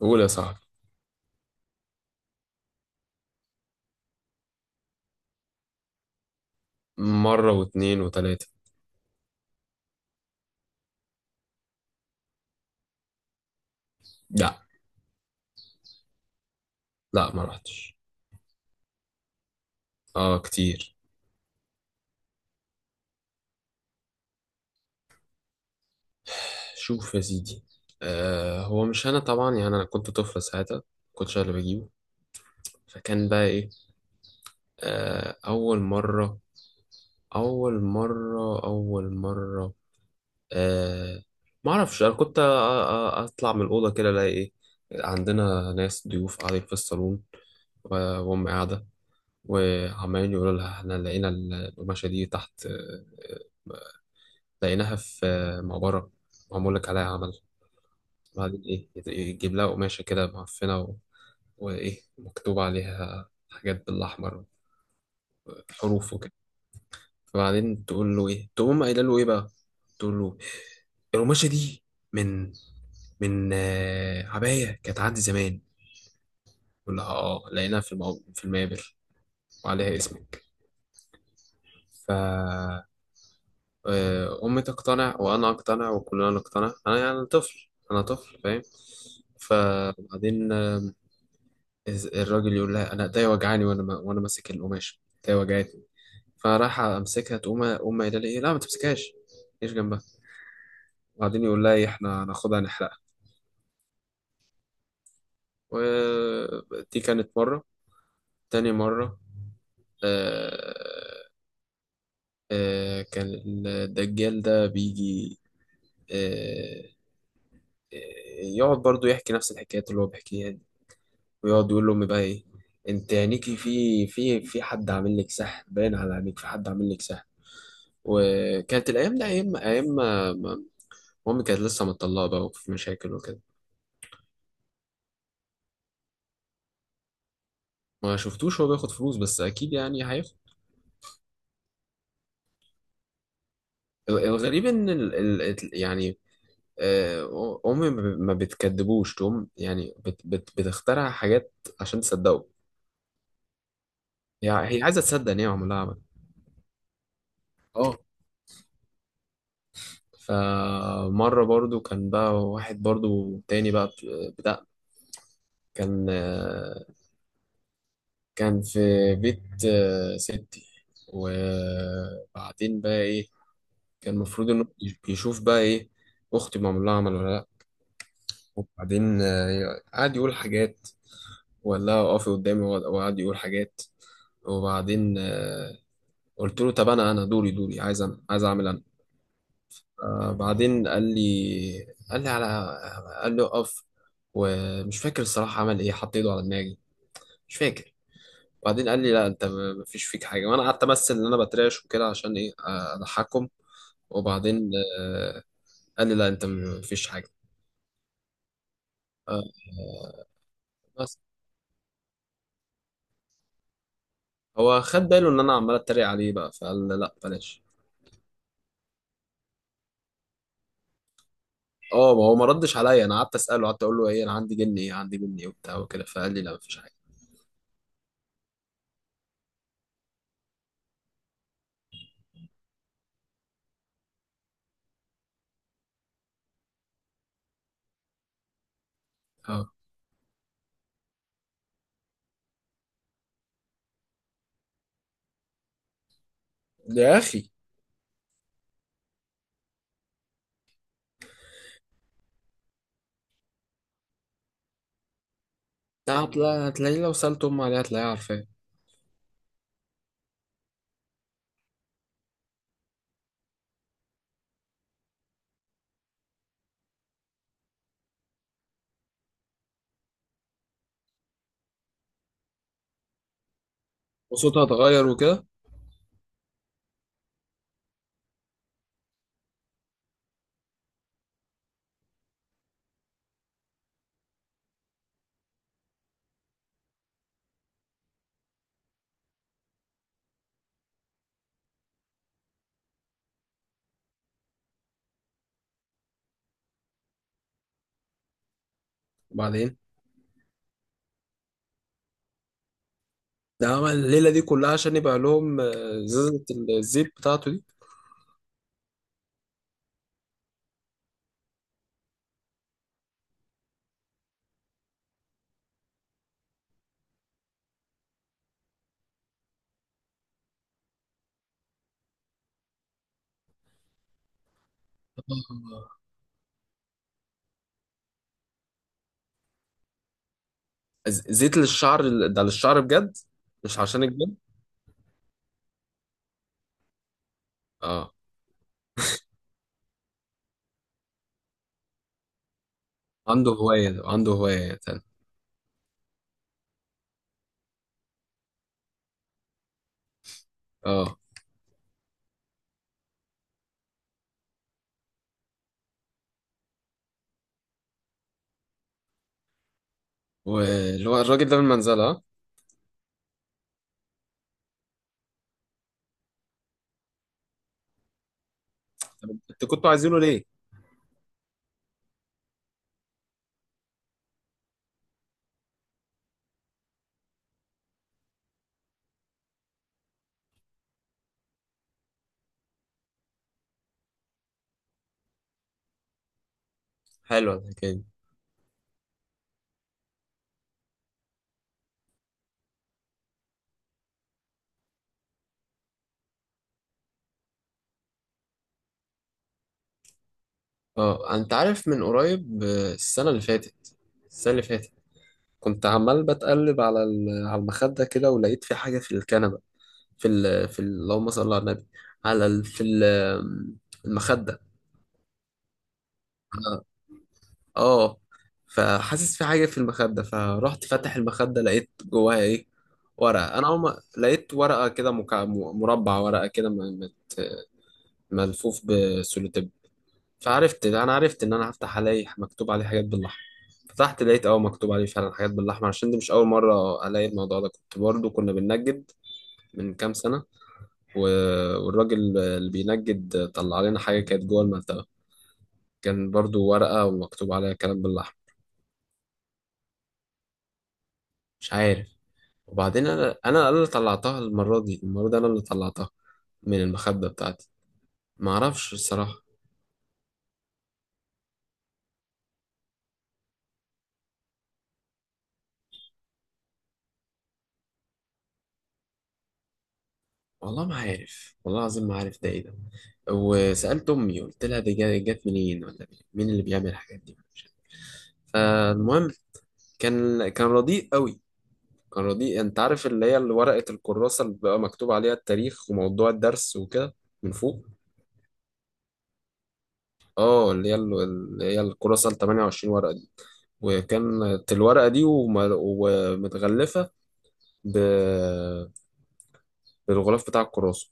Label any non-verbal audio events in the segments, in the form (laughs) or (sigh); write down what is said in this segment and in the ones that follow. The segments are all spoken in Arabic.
قول يا صاحبي. مرة واتنين وتلاتة. لا، لا ما رحتش. اه كتير. شوف يا سيدي، هو مش انا طبعا، يعني انا كنت طفل ساعتها، كنتش أنا اللي بجيبه. فكان بقى ايه؟ اول مرة. اول مرة. آه ما اعرفش، انا كنت اطلع من الاوضة كده الاقي ايه؟ عندنا ناس ضيوف قاعدين في الصالون، وام قاعدة وعمالين يقولوا لها احنا لقينا القماشة دي تحت، لقيناها في مقبرة، معمول لك عليها عمل. بعدين إيه، يجيب لها قماشة كده معفنة وإيه مكتوب عليها حاجات بالأحمر، حروف وكده. فبعدين تقول له إيه، تقوم قايلة له إيه بقى، تقول له القماشة دي من من، عباية كانت عندي زمان. يقول لها آه لقيناها في المقابر وعليها اسمك. ف أمي تقتنع وأنا أقتنع وكلنا نقتنع، أنا يعني طفل، أنا طفل فاهم. فبعدين الراجل يقول لها انا ايديا وجعاني، وانا ما- وانا ماسك القماش ايديا وجعتني. فراح امسكها تقوم امي قايله لي إيه، لا ما تمسكهاش، ايش جنبها. وبعدين يقول لها ايه، احنا هناخدها نحرقها. ودي كانت مره. تاني مره، آه، كان الدجال ده بيجي. آه آه، يقعد برضو يحكي نفس الحكايات اللي هو بيحكيها دي، ويقعد يقول لامي بقى ايه، انت عينيكي في في حد عامل لك سحر، باين على عينيك في حد عامل لك سحر. وكانت الايام دي ايام مامي كانت لسه مطلقه بقى وفي مشاكل وكده. ما شفتوش هو بياخد فلوس، بس اكيد يعني هياخد. الغريب ان يعني، امي ما ما بتكدبوش، تقوم يعني بتخترع حاجات عشان تصدقه. هي عايزه تصدق ان هي عملها عمل. اه. فمره برضو كان بقى واحد برضو تاني بقى بتاع، كان آه، كان في بيت ستي. وبعدين بقى ايه، كان المفروض انه يشوف بقى ايه اختي معمول لها عمل ولا لا. وبعدين آه، قعد يقول حاجات، ولا اقفي قدامي وقعد وقعد يقول حاجات. وبعدين آه، قلت له طب انا، انا دوري عايز، أنا عايز اعمل انا. آه، بعدين قال لي على، قال لي اقف. ومش فاكر الصراحه عمل ايه، حط ايده على دماغي، مش فاكر. بعدين قال لي لا انت مفيش فيك حاجه. وانا قعدت امثل ان انا بترعش وكده عشان ايه، آه، اضحكهم. وبعدين آه، قال لي لا انت مفيش حاجه. آه، بس هو خد باله ان انا عمال اتريق عليه بقى، فقال لي لا بلاش. اه ما هو ما ردش عليا، انا قعدت اساله قعدت اقول له ايه، انا عندي جني، ايه عندي جني وبتاع وكده، فقال لي لا مفيش حاجه. اه. يا اخي ده هتلاقيه، لو سالت امي عليها هتلاقيها عارفاه. وصوتها اتغير وكده. وبعدين ده عمل الليله دي كلها عشان يبقى لهم آه، زازه، الزيت بتاعته دي. آه. زيت للشعر، ده للشعر بجد، مش عشان الجن. اه، عنده هوايه تاني. اه، واللي هو الراجل ده من المنزله. طب انتوا كنتوا عايزينه ليه؟ حلوة الحكاية دي. اه انت عارف، من قريب آه، السنة اللي فاتت، السنة اللي فاتت، كنت عمال بتقلب على على المخدة كده ولقيت في حاجة في الكنبة، اللهم صل على النبي، على ال في ال آم، المخدة. اه. فحاسس في حاجة في المخدة، فرحت فاتح المخدة لقيت جواها ايه؟ ورقة. انا اول ما لقيت ورقة كده مربع، ورقة كده ملفوف بسولوتيب. فعرفت، انا عرفت ان انا هفتح الاقي مكتوب عليه حاجات باللحمه. فتحت لقيت اه مكتوب عليه فعلا حاجات باللحمه، عشان دي مش اول مره الاقي الموضوع ده، كنت برضو كنا بننجد من كام سنه، و... والراجل اللي بينجد طلع لنا حاجه كانت جوه المنطقه، كان برضو ورقه ومكتوب عليها كلام باللحمه. مش عارف. وبعدين انا، انا اللي طلعتها المره دي، المره دي انا اللي طلعتها من المخده بتاعتي. ما اعرفش الصراحه. والله ما عارف، والله العظيم ما عارف ده ايه ده. وسألت أمي قلت لها دي جت منين ولا مين، مين اللي بيعمل الحاجات دي، مش عارف. فالمهم، كان رديء قوي، كان رديء. انت عارف اللي هي، اللي ورقة الكراسة اللي بقى مكتوب عليها التاريخ وموضوع الدرس وكده من فوق؟ اه اللي هي اللي هي الكراسة ال 28 ورقة دي. وكانت الورقة دي ومتغلفة ب... بالغلاف بتاع الكراسة.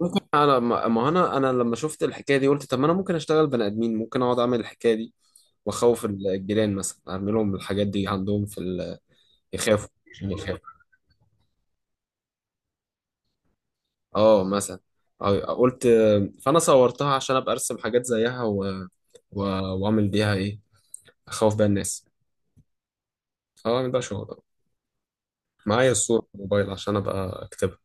ممكن. على ما، ما انا لما شفت الحكايه دي قلت طب ما انا ممكن اشتغل بني ادمين، ممكن اقعد اعمل الحكايه دي واخوف الجيران مثلا، اعمل لهم الحاجات دي عندهم في ال... يخافوا، عشان يخافوا، اه مثلا. قلت فانا صورتها عشان ابقى ارسم حاجات زيها و... واعمل بيها ايه، اخوف بيها الناس. اه اعمل بقى شغل، معايا الصور في الموبايل عشان ابقى اكتبها.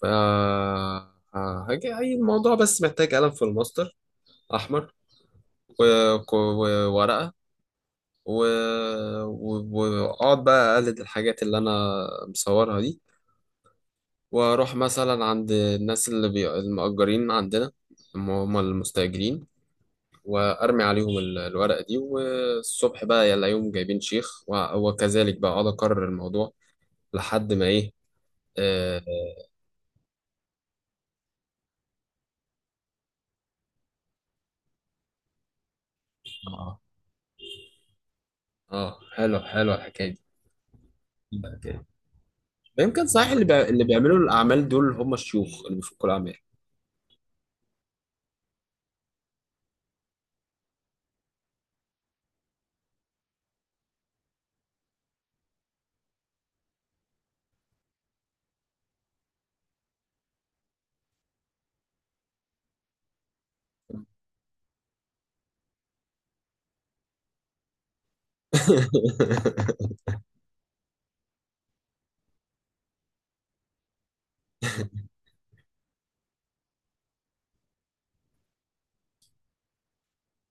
ف هاجي أي الموضوع، بس محتاج قلم في الماستر احمر و... و... وورقه، و- واقعد بقى اقلد الحاجات اللي انا مصورها دي، واروح مثلا عند الناس المأجرين عندنا، هم المستأجرين، وارمي عليهم الورقة دي، والصبح بقى يلاقيهم جايبين شيخ، وكذلك بقى اقعد اكرر الموضوع لحد ما ايه. اه. اه. آه، حلو الحكاية دي. الحكاية دي. يمكن صحيح اللي بيعملوا الاعمال دول هم الشيوخ اللي بيفكوا الاعمال. (laughs)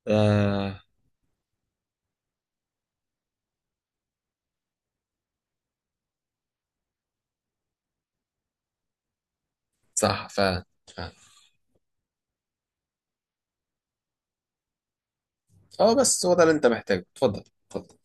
آه، صح فعلا فعلا. اه بس هو ده اللي انت محتاجه، اتفضل، اتفضل.